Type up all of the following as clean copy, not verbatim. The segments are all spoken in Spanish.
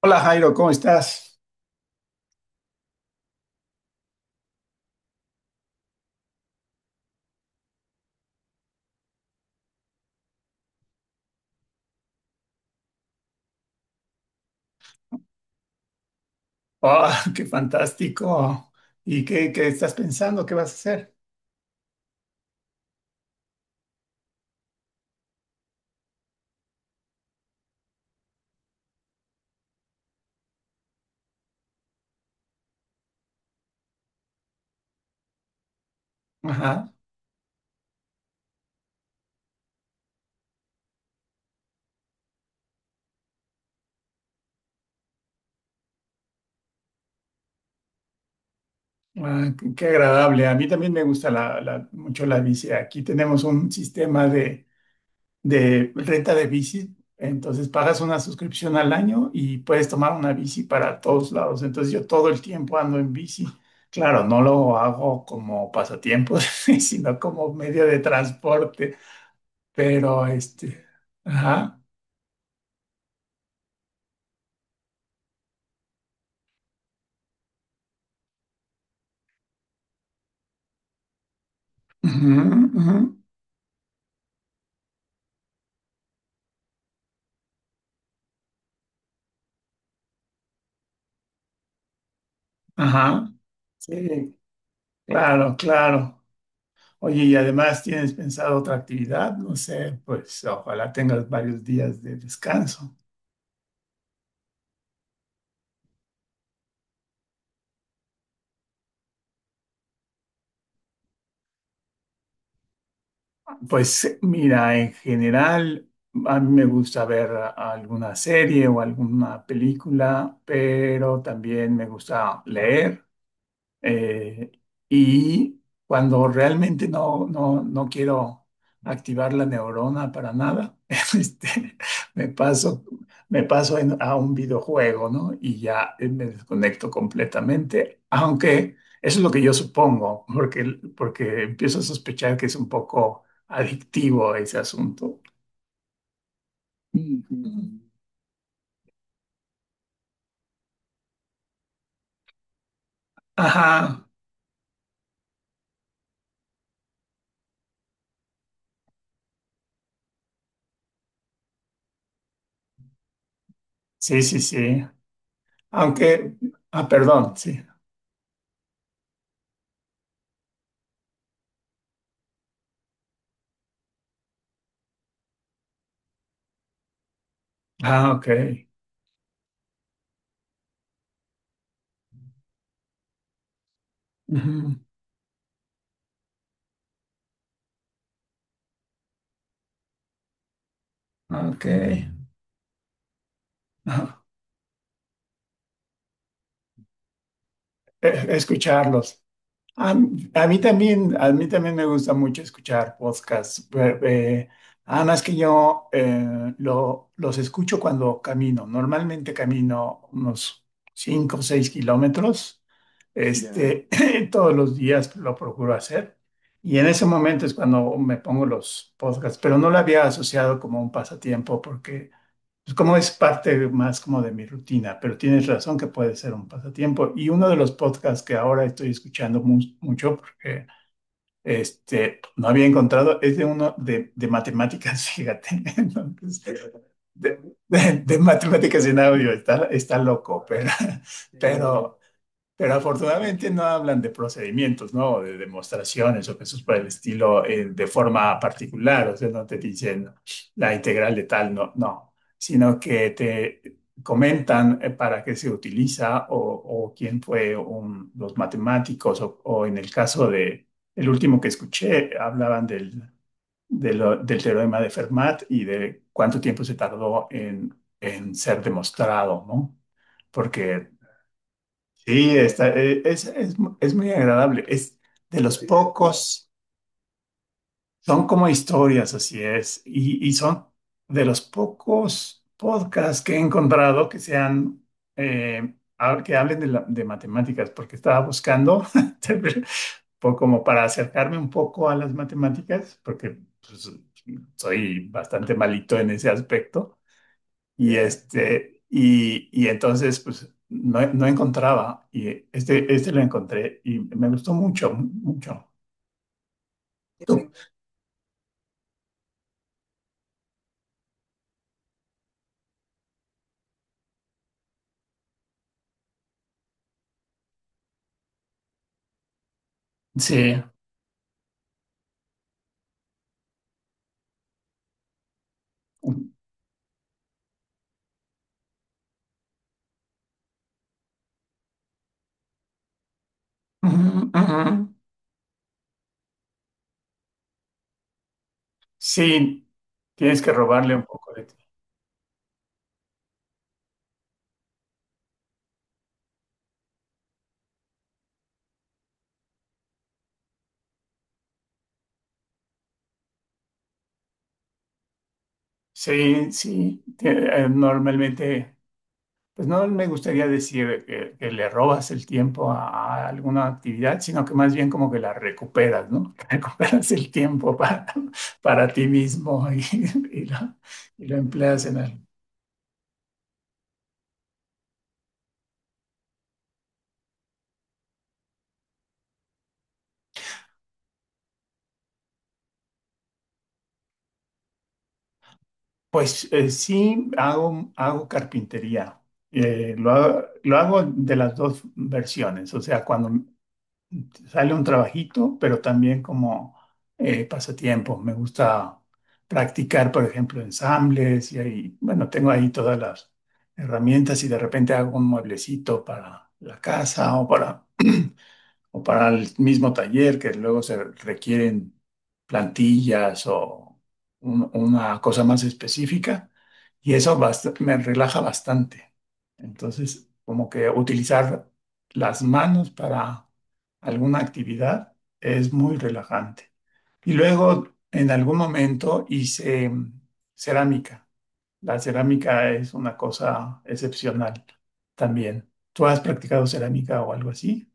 Hola Jairo, ¿cómo estás? ¡Ah, qué fantástico! ¿Y qué estás pensando? ¿Qué vas a hacer? Ajá. Ah, qué agradable. A mí también me gusta mucho la bici. Aquí tenemos un sistema de renta de bici. Entonces pagas una suscripción al año y puedes tomar una bici para todos lados. Entonces yo todo el tiempo ando en bici. Claro, no lo hago como pasatiempo, sino como medio de transporte. Pero este, ajá. Ujú, ujú. Ajá. Sí, claro, claro. Oye, y además tienes pensado otra actividad, no sé, pues ojalá tengas varios días de descanso. Pues mira, en general, a mí me gusta ver alguna serie o alguna película, pero también me gusta leer. Eh, y cuando realmente no quiero activar la neurona para nada, este, me paso, me paso a un videojuego, ¿no? Y ya me desconecto completamente, aunque eso es lo que yo supongo, porque empiezo a sospechar que es un poco adictivo ese asunto. Sí. Mm. Sí. Ajá, sí, sí, sí. Aunque, ah, perdón, sí. Ah, ok. Ujú. Ok. Ajá. Escucharlos. A mí también me gusta mucho escuchar podcasts. Además que yo los escucho cuando camino. Normalmente camino unos 5 o 6 kilómetros. Ya. Este, todos los días lo procuro hacer. Y en ese momento es cuando me pongo los podcasts, pero no lo había asociado como un pasatiempo, pues como es parte más como de mi rutina, pero tienes razón que puede ser un pasatiempo. Y uno de los podcasts que ahora estoy escuchando mucho, porque este, no había encontrado, es de uno de matemáticas, fíjate. Entonces, de, de matemáticas en audio, está loco, pero, sí, pero afortunadamente no hablan de procedimientos, ¿no? De demostraciones o cosas por el estilo de forma particular, o sea, no te dicen la integral de tal, no, no, sino que te comentan para qué se utiliza o quién fue los matemáticos o en el caso de, el último que escuché, hablaban del teorema de Fermat y de cuánto tiempo se tardó en ser demostrado, ¿no? Porque. Sí, está, e- es muy agradable. Es de los pocos, son como historias, así es. Y son de los pocos podcasts que he encontrado que sean, eh, que hablen de matemáticas, porque estaba buscando como para acercarme un poco a las matemáticas, porque pues, soy bastante malito en ese aspecto. Y, este, y entonces, pues, no, no encontraba. Y este lo encontré y me gustó mucho, mucho. Tú. Sí. Ujú, ujú. Sí, tienes que robarle un poco de ti. Sí, sí. Normalmente, pues no me gustaría decir que le robas el tiempo a alguna actividad, sino que más bien como que la recuperas, ¿no? Recuperas el tiempo para ti mismo y lo, y lo empleas en algo. Pues sí, hago carpintería. Lo hago de las dos versiones, o sea, cuando sale un trabajito, pero también como pasatiempo. Me gusta practicar, por ejemplo, ensambles y ahí, bueno, tengo ahí todas las herramientas y de repente hago un mueblecito para la casa o para el mismo taller, que luego se requieren plantillas o una cosa más específica y eso me relaja bastante. Entonces, como que utilizar las manos para alguna actividad es muy relajante. Y luego, en algún momento hice cerámica. La cerámica es una cosa excepcional también. ¿Tú has practicado cerámica o algo así?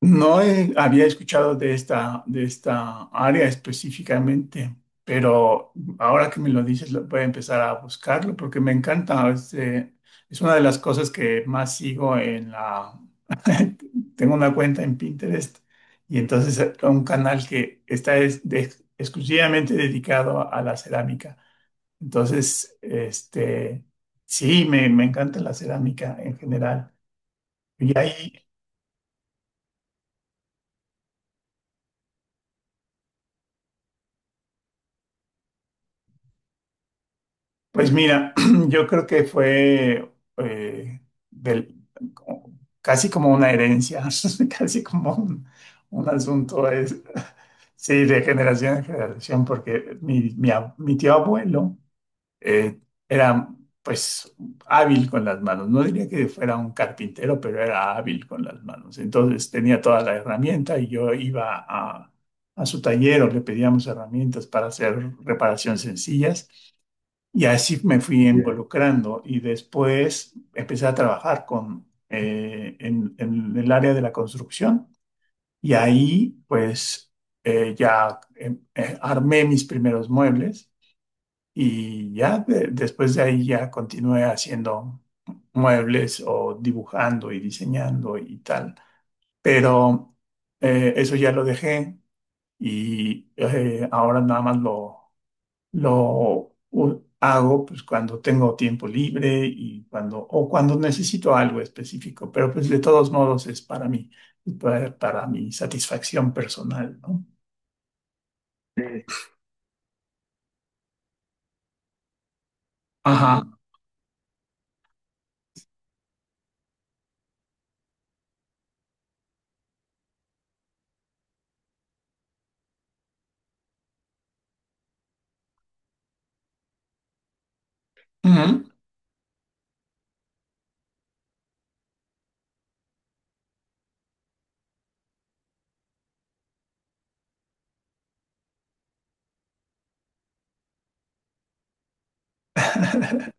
No había escuchado de esta área específicamente, pero ahora que me lo dices, voy a empezar a buscarlo porque me encanta. Es una de las cosas que más sigo en la. Tengo una cuenta en Pinterest y entonces un canal que está exclusivamente dedicado a la cerámica. Entonces, este, sí, me encanta la cerámica en general. Y ahí. Pues mira, yo creo que fue eh, del- como- casi como una herencia, casi como un asunto es, sí, de generación en generación, porque mi tío abuelo eh, era pues hábil con las manos. No diría que fuera un carpintero, pero era hábil con las manos. Entonces tenía toda la herramienta y yo iba a su taller o le pedíamos herramientas para hacer reparaciones sencillas. Y así me fui involucrando y después empecé a trabajar en el área de la construcción y ahí pues ya armé mis primeros muebles y ya después de ahí ya continué haciendo muebles o dibujando y diseñando y tal. Pero eso ya lo dejé y ahora nada más lo hago pues cuando tengo tiempo libre y cuando necesito algo específico, pero pues de todos modos es para mí, para mi satisfacción personal, ¿no? Sí. Ajá. Ujú.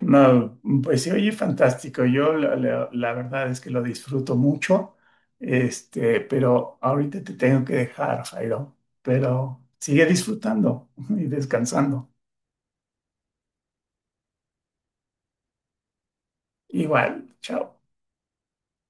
No, pues se oye fantástico. Yo la verdad es que lo disfruto mucho, este, pero ahorita te tengo que dejar, Jairo, pero sigue disfrutando y descansando. Igual, chao.